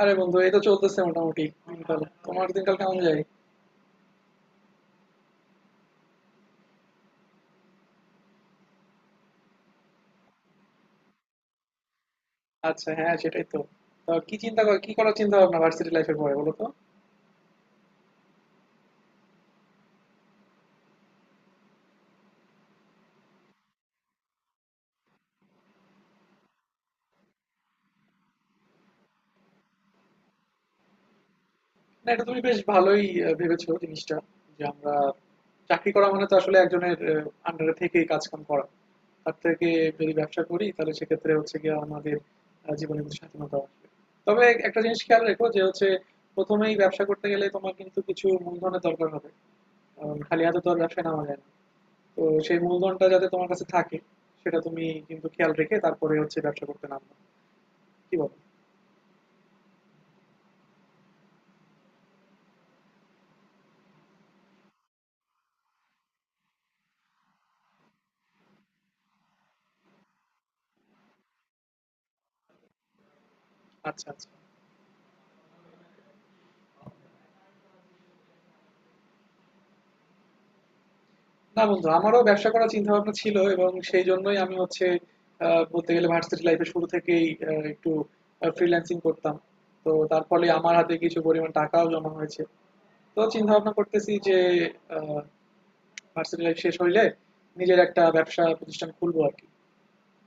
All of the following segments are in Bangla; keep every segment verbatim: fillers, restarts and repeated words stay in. আরে বন্ধু, এই তো চলতেছে মোটামুটি। দিনকাল তোমার দিনকাল কেমন যায়? আচ্ছা, হ্যাঁ, সেটাই তো। তা কি চিন্তা কর, কি করার চিন্তা ভাবনা ভার্সিটি লাইফের পরে বলো তো। না, এটা তুমি বেশ ভালোই আহ, ভেবেছো জিনিসটা। যে আমরা চাকরি করা মানে তো আসলে একজনের আন্ডারে থেকেই কাজ কাম করা। তার থেকে যদি ব্যবসা করি তাহলে সেক্ষেত্রে হচ্ছে গিয়ে আমাদের আহ, জীবনে কিছু স্বাধীনতা আসবে। তবে এক- একটা জিনিস খেয়াল রেখো যে হচ্ছে, প্রথমেই ব্যবসা করতে গেলে তোমার কিন্তু কিছু মূলধনের দরকার হবে। কারণ খালি হাতে তো আর ব্যবসায় নামা যায় না। তো সেই মূলধনটা যাতে তোমার কাছে থাকে সেটা তুমি কিন্তু খেয়াল রেখে তারপরে হচ্ছে ব্যবসা করতে নামবে। কি বলো? আচ্ছা, আচ্ছা। না বন্ধু, আমারও ব্যবসা করার চিন্তা ভাবনা ছিল এবং সেই জন্যই আমি হচ্ছে আহ, বলতে গেলে ভার্সিটি লাইফে শুরু থেকেই আহ, একটু ফ্রিল্যান্সিং করতাম। তো তার ফলে আমার হাতে কিছু পরিমাণ টাকাও জমা হয়েছে। তো চিন্তা ভাবনা করতেছি যে ভার্সিটি লাইফ শেষ হইলে নিজের একটা ব্যবসা প্রতিষ্ঠান খুলবো আর কি।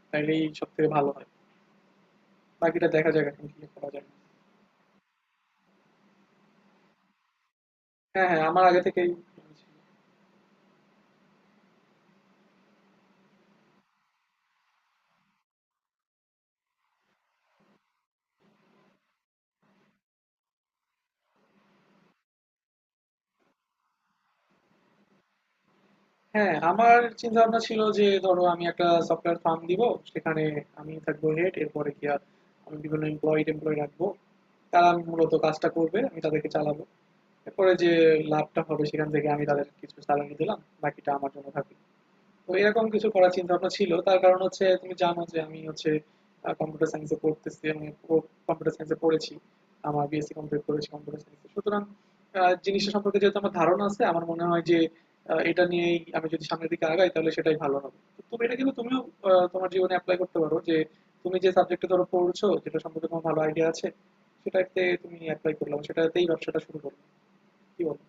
তাইলেই সব থেকে ভালো হয়। বাকিটা দেখা যাক এখন কি করা যায়। হ্যাঁ, হ্যাঁ, আমার আগে থেকেই। হ্যাঁ, আমার চিন্তাভাবনা ছিল যে ধরো আমি একটা সফটওয়্যার ফার্ম দিব। সেখানে আমি থাকবো হেড, এরপরে গিয়া আমি বিভিন্ন এমপ্লয়ি টেমপ্লয়ি রাখবো। তারা মূলত কাজটা করবে, আমি তাদেরকে চালাবো। এরপরে যে লাভটা হবে সেখান থেকে আমি তাদের কিছু স্যালারি দিলাম, বাকিটা আমার জন্য থাকবে। তো এরকম কিছু করার চিন্তা ভাবনা ছিল। তার কারণ হচ্ছে তুমি জানো যে আমি হচ্ছে কম্পিউটার সায়েন্সে পড়তেছি এবং কম্পিউটার সায়েন্সে পড়েছি। আমার বিএসসি কমপ্লিট করেছি কম্পিউটার সায়েন্সে, সুতরাং আহ, জিনিসটা সম্পর্কে যেহেতু আমার ধারণা আছে আমার মনে হয় যে আহ, এটা নিয়েই আমি যদি সামনের দিকে আগাই তাহলে সেটাই ভালো হবে। তো তুমি এটা কিন্তু তুমিও আহ, তোমার জীবনে অ্যাপ্লাই করতে পারো। যে তুমি যে সাবজেক্টে ধরো পড়ছো, যেটা সম্পর্কে তোমার ভালো আইডিয়া আছে, সেটাতে তুমি অ্যাপ্লাই করলাম, সেটাতেই ব্যবসাটা শুরু করলাম। কি বলো?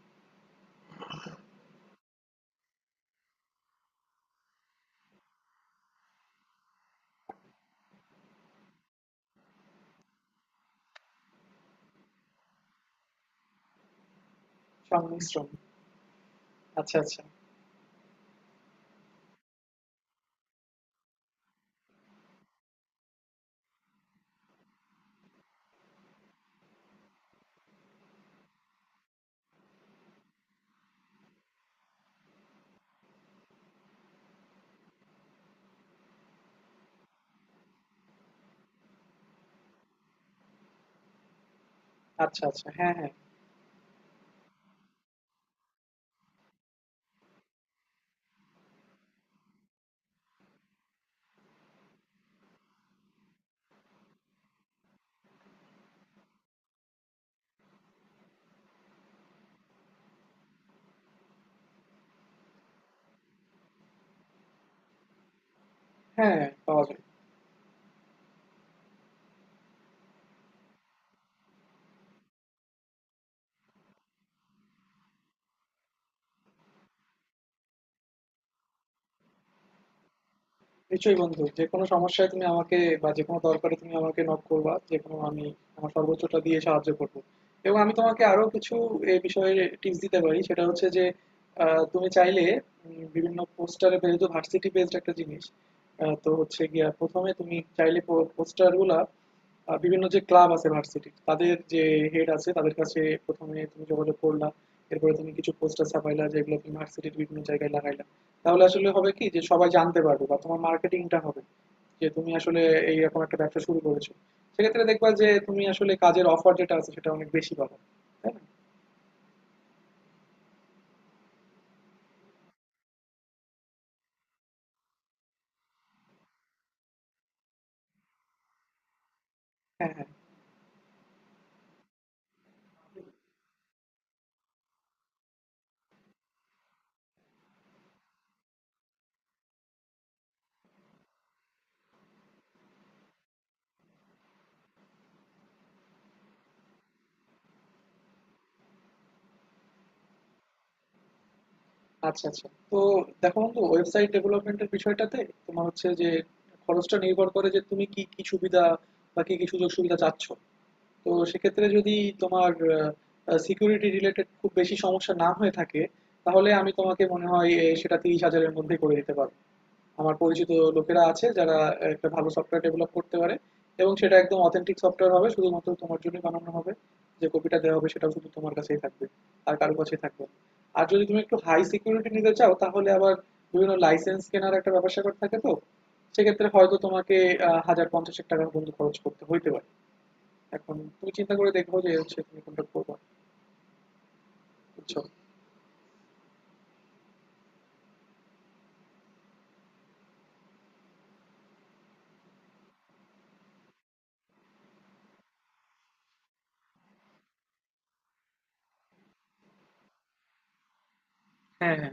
সংমিশ্রণ। আচ্ছা, আচ্ছা। আচ্ছা, আচ্ছা। হ্যাঁ, হ্যাঁ। হ্যাঁ, পাওয়া যায়। নিশ্চয়ই বন্ধু, যে কোনো সমস্যায় তুমি আমাকে বা যে কোনো দরকারে তুমি আমাকে নক করবা। যে কোনো, আমি আমার সর্বোচ্চটা দিয়ে সাহায্য করব। এবং আমি তোমাকে আরো কিছু এই বিষয়ে টিপস দিতে পারি। সেটা হচ্ছে যে আহ, তুমি চাইলে উম, বিভিন্ন পোস্টারে, যেহেতু ভার্সিটি বেসড একটা জিনিস, আহ, তো হচ্ছে গিয়া প্রথমে তুমি চাইলে পোস্টার গুলা আহ, বিভিন্ন যে ক্লাব আছে ভার্সিটি তাদের যে হেড আছে তাদের কাছে প্রথমে তুমি যোগাযোগ করলা। এরপরে তুমি কিছু পোস্টার ছাপাইলা যেগুলো তুমি ভার্সিটির বিভিন্ন জায়গায় লাগাইলা। তাহলে আসলে হবে কি যে সবাই জানতে পারবে বা তোমার মার্কেটিংটা হবে যে তুমি আসলে এইরকম একটা ব্যবসা শুরু করেছো। সেক্ষেত্রে দেখবা যে তুমি আসলে কাজের অফার যেটা আছে সেটা অনেক বেশি পাবে। তাই না? হ্যাঁ, হ্যাঁ। আচ্ছা, আচ্ছা। তো দেখো বন্ধু, ওয়েবসাইট ডেভেলপমেন্টের বিষয়টাতে তোমার হচ্ছে যে খরচটা নির্ভর করে যে তুমি কি কি সুবিধা বা কি কি সুযোগ সুবিধা চাচ্ছ। তো সেক্ষেত্রে যদি তোমার সিকিউরিটি রিলেটেড খুব বেশি সমস্যা না হয়ে থাকে তাহলে আমি তোমাকে মনে হয় এ, সেটা তিরিশ হাজারের মধ্যে করে দিতে পারবো। আমার পরিচিত লোকেরা আছে যারা একটা ভালো সফটওয়্যার ডেভেলপ করতে পারে, এবং সেটা একদম অথেন্টিক সফটওয়্যার হবে, শুধুমাত্র তোমার জন্য বানানো হবে। যে কপিটা দেওয়া হবে সেটাও শুধু তোমার কাছেই থাকবে, আর কারো কাছেই থাকবে না। আর যদি তুমি একটু হাই সিকিউরিটি নিতে চাও তাহলে আবার বিভিন্ন লাইসেন্স কেনার একটা ব্যাপার স্যাপার থাকে। তো সেক্ষেত্রে হয়তো তোমাকে আহ, হাজার পঞ্চাশেক টাকা পর্যন্ত খরচ করতে হইতে পারে। এখন তুমি চিন্তা করে দেখো যে হচ্ছে তুমি কোনটা করবা। বুঝছো? হ্যাঁ, হ্যাঁ।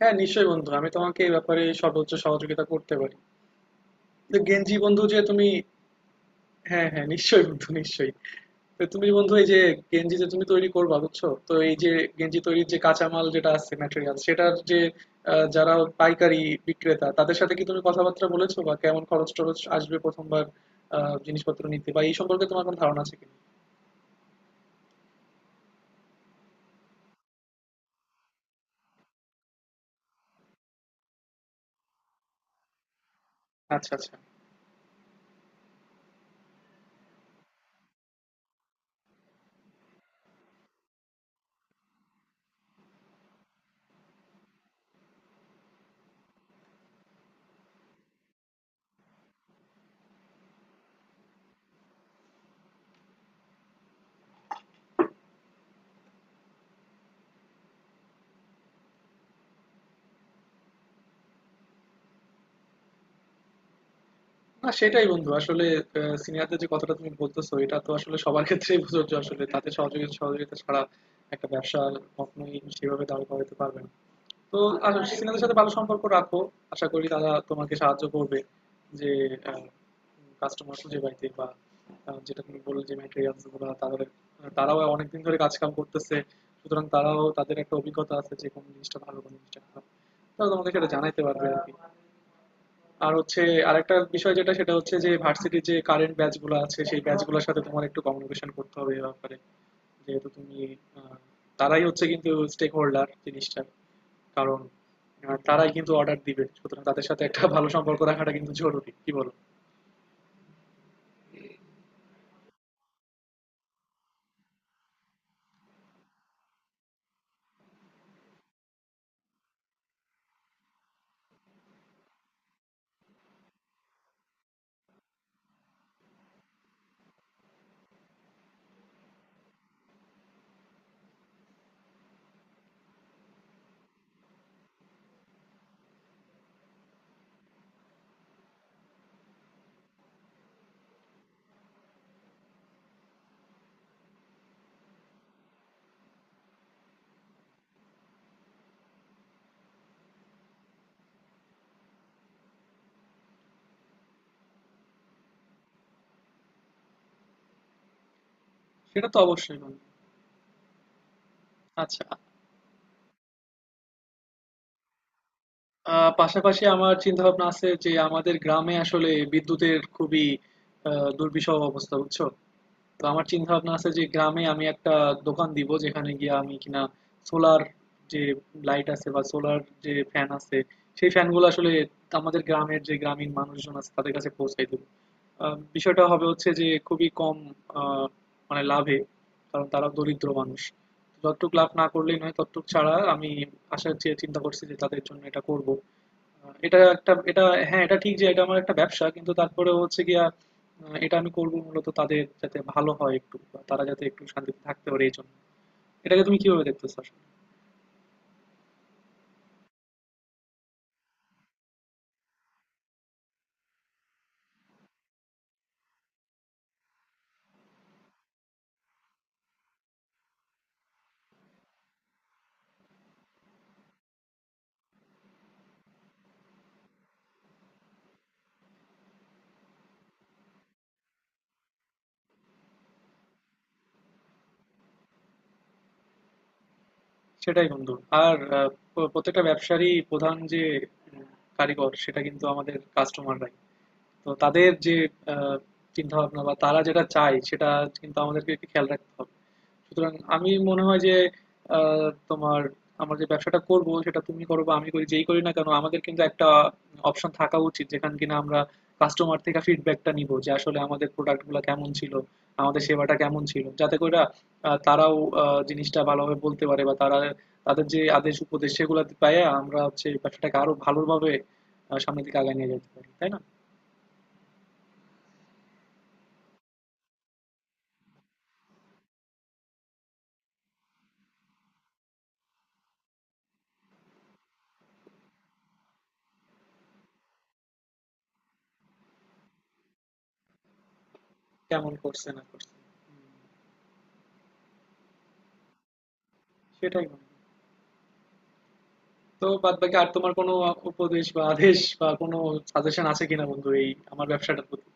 হ্যাঁ, নিশ্চয়ই বন্ধু, আমি তোমাকে এই ব্যাপারে সর্বোচ্চ সহযোগিতা করতে পারি। তো গেঞ্জি বন্ধু যে তুমি, হ্যাঁ হ্যাঁ নিশ্চয়ই বন্ধু, নিশ্চয়ই। তো তুমি বন্ধু এই যে গেঞ্জি যে তুমি তৈরি করবা, বুঝছো তো, এই যে গেঞ্জি তৈরির যে কাঁচামাল যেটা আছে ম্যাটেরিয়াল সেটার যে আহ, যারা পাইকারি বিক্রেতা তাদের সাথে কি তুমি কথাবার্তা বলেছো বা কেমন খরচ টরচ আসবে প্রথমবার আহ জিনিসপত্র নিতে, বা এই সম্পর্কে তোমার কোনো ধারণা আছে কিনা? আচ্ছা, আচ্ছা। না সেটাই বন্ধু, আসলে সিনিয়রদের যে কথাটা তুমি বলতেছো এটা তো আসলে সবার ক্ষেত্রেই প্রযোজ্য। আসলে তাদের সহযোগিতা সহযোগিতা ছাড়া একটা ব্যবসা কখনোই সেভাবে দাঁড় করাতে পারবে না। তো আসলে সিনিয়রদের সাথে ভালো সম্পর্ক রাখো, আশা করি তারা তোমাকে সাহায্য করবে। যে কাস্টমার খুঁজে পাইতে বা আহ, যেটা তুমি বললে যে ম্যাটেরিয়ালস গুলো তাদের, তারাও অনেকদিন ধরে কাজ কাম করতেছে। সুতরাং তারাও, তাদের একটা অভিজ্ঞতা আছে যে কোন জিনিসটা ভালো কোন জিনিসটা খারাপ, তারা তোমাকে সেটা জানাইতে পারবে আর কি। আর হচ্ছে আরেকটা বিষয় যেটা, সেটা হচ্ছে যে ভার্সিটির যে কারেন্ট ব্যাচগুলো আছে সেই ব্যাচগুলোর সাথে তোমার একটু কমিউনিকেশন করতে হবে এ ব্যাপারে। যেহেতু তুমি আহ, তারাই হচ্ছে কিন্তু স্টেক হোল্ডার জিনিসটার। কারণ আহ, তারাই কিন্তু অর্ডার দিবে, সুতরাং তাদের সাথে একটা ভালো সম্পর্ক রাখাটা কিন্তু জরুরি। কি বলো? সেটা তো অবশ্যই বন্ধু। আচ্ছা। আহ, পাশাপাশি আমার চিন্তা ভাবনা আছে যে আমাদের গ্রামে আসলে বিদ্যুতের খুবই আহ, দুর্বিষহ অবস্থা, বুঝছো। তো আমার চিন্তা ভাবনা আছে যে গ্রামে আমি একটা দোকান দিব যেখানে গিয়ে আমি কিনা সোলার যে লাইট আছে বা সোলার যে ফ্যান আছে সেই ফ্যানগুলো আসলে আমাদের গ্রামের যে গ্রামীণ মানুষজন আছে তাদের কাছে পৌঁছাই দেবো। আহ, বিষয়টা হবে হচ্ছে যে খুবই কম আহ, মানে লাভে। কারণ তারা দরিদ্র মানুষ। যতটুক লাভ না করলেই নয় ততটুক ছাড়া আমি আশা চেয়ে চিন্তা করছি যে তাদের জন্য এটা করব। এটা একটা এটা হ্যাঁ, এটা ঠিক যে এটা আমার একটা ব্যবসা, কিন্তু তারপরে হচ্ছে গিয়া আহ, এটা আমি করবো মূলত তাদের যাতে ভালো হয় একটু, বা তারা যাতে একটু শান্তিতে থাকতে পারে এই জন্য। এটাকে তুমি কিভাবে দেখতেছো আসলে? সেটাই বন্ধু। আর আহ, প- প্রত্যেকটা ব্যবসারই প্রধান যে উম, কারিগর সেটা কিন্তু আমাদের কাস্টমাররাই। তো তাদের যে চিন্তা ভাবনা বা তারা যেটা চায় সেটা কিন্তু আমাদেরকে একটু খেয়াল রাখতে হবে। সুতরাং আমি মনে হয় যে আহ, তোমার, আমরা যে ব্যবসাটা করব সেটা তুমি করো বা আমি করি, যেই করি না কেন আমাদের কিন্তু একটা অপশন থাকা উচিত যেখানে কিনা আমরা কাস্টমার থেকে ফিডব্যাকটা নিব যে আসলে আমাদের প্রোডাক্টগুলো কেমন ছিল, আমাদের সেবাটা কেমন ছিল, যাতে করে তারাও আহ, জিনিসটা ভালোভাবে বলতে পারে। বা তারা তাদের যে আদেশ উপদেশ সেগুলো পাইয়ে আমরা হচ্ছে ব্যবসাটাকে আরো ভালোভাবে আহ, সামনের দিকে আগায় নিয়ে যেতে পারি। তাই না? কেমন করছে না করছে। হুম, সেটাই মনে হয়। তো বাদবাকি আর তোমার কোনো উপদেশ বা আদেশ বা কোনো সাজেশন আছে কিনা বন্ধু এই আমার ব্যবসাটার প্রতি?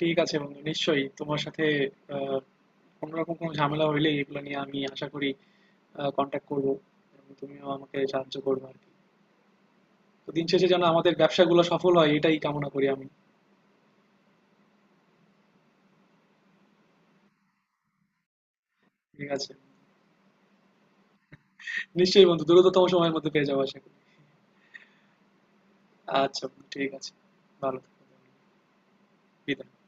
ঠিক আছে বন্ধু, নিশ্চয়ই তোমার সাথে আহ, কোনোরকম কোনো ঝামেলা হইলে এগুলো নিয়ে আমি আশা করি কন্ট্যাক্ট করবো, এবং তুমিও আমাকে সাহায্য করবে আর কি। তো দিন শেষে যেন আমাদের ব্যবসাগুলো সফল হয় এটাই কামনা করি আমি। ঠিক আছে, নিশ্চয়ই বন্ধু, দ্রুততম সময়ের মধ্যে পেয়ে যাবো আশা করি। আচ্ছা বন্ধু, ঠিক আছে। ভালো থেকো। বিদায়।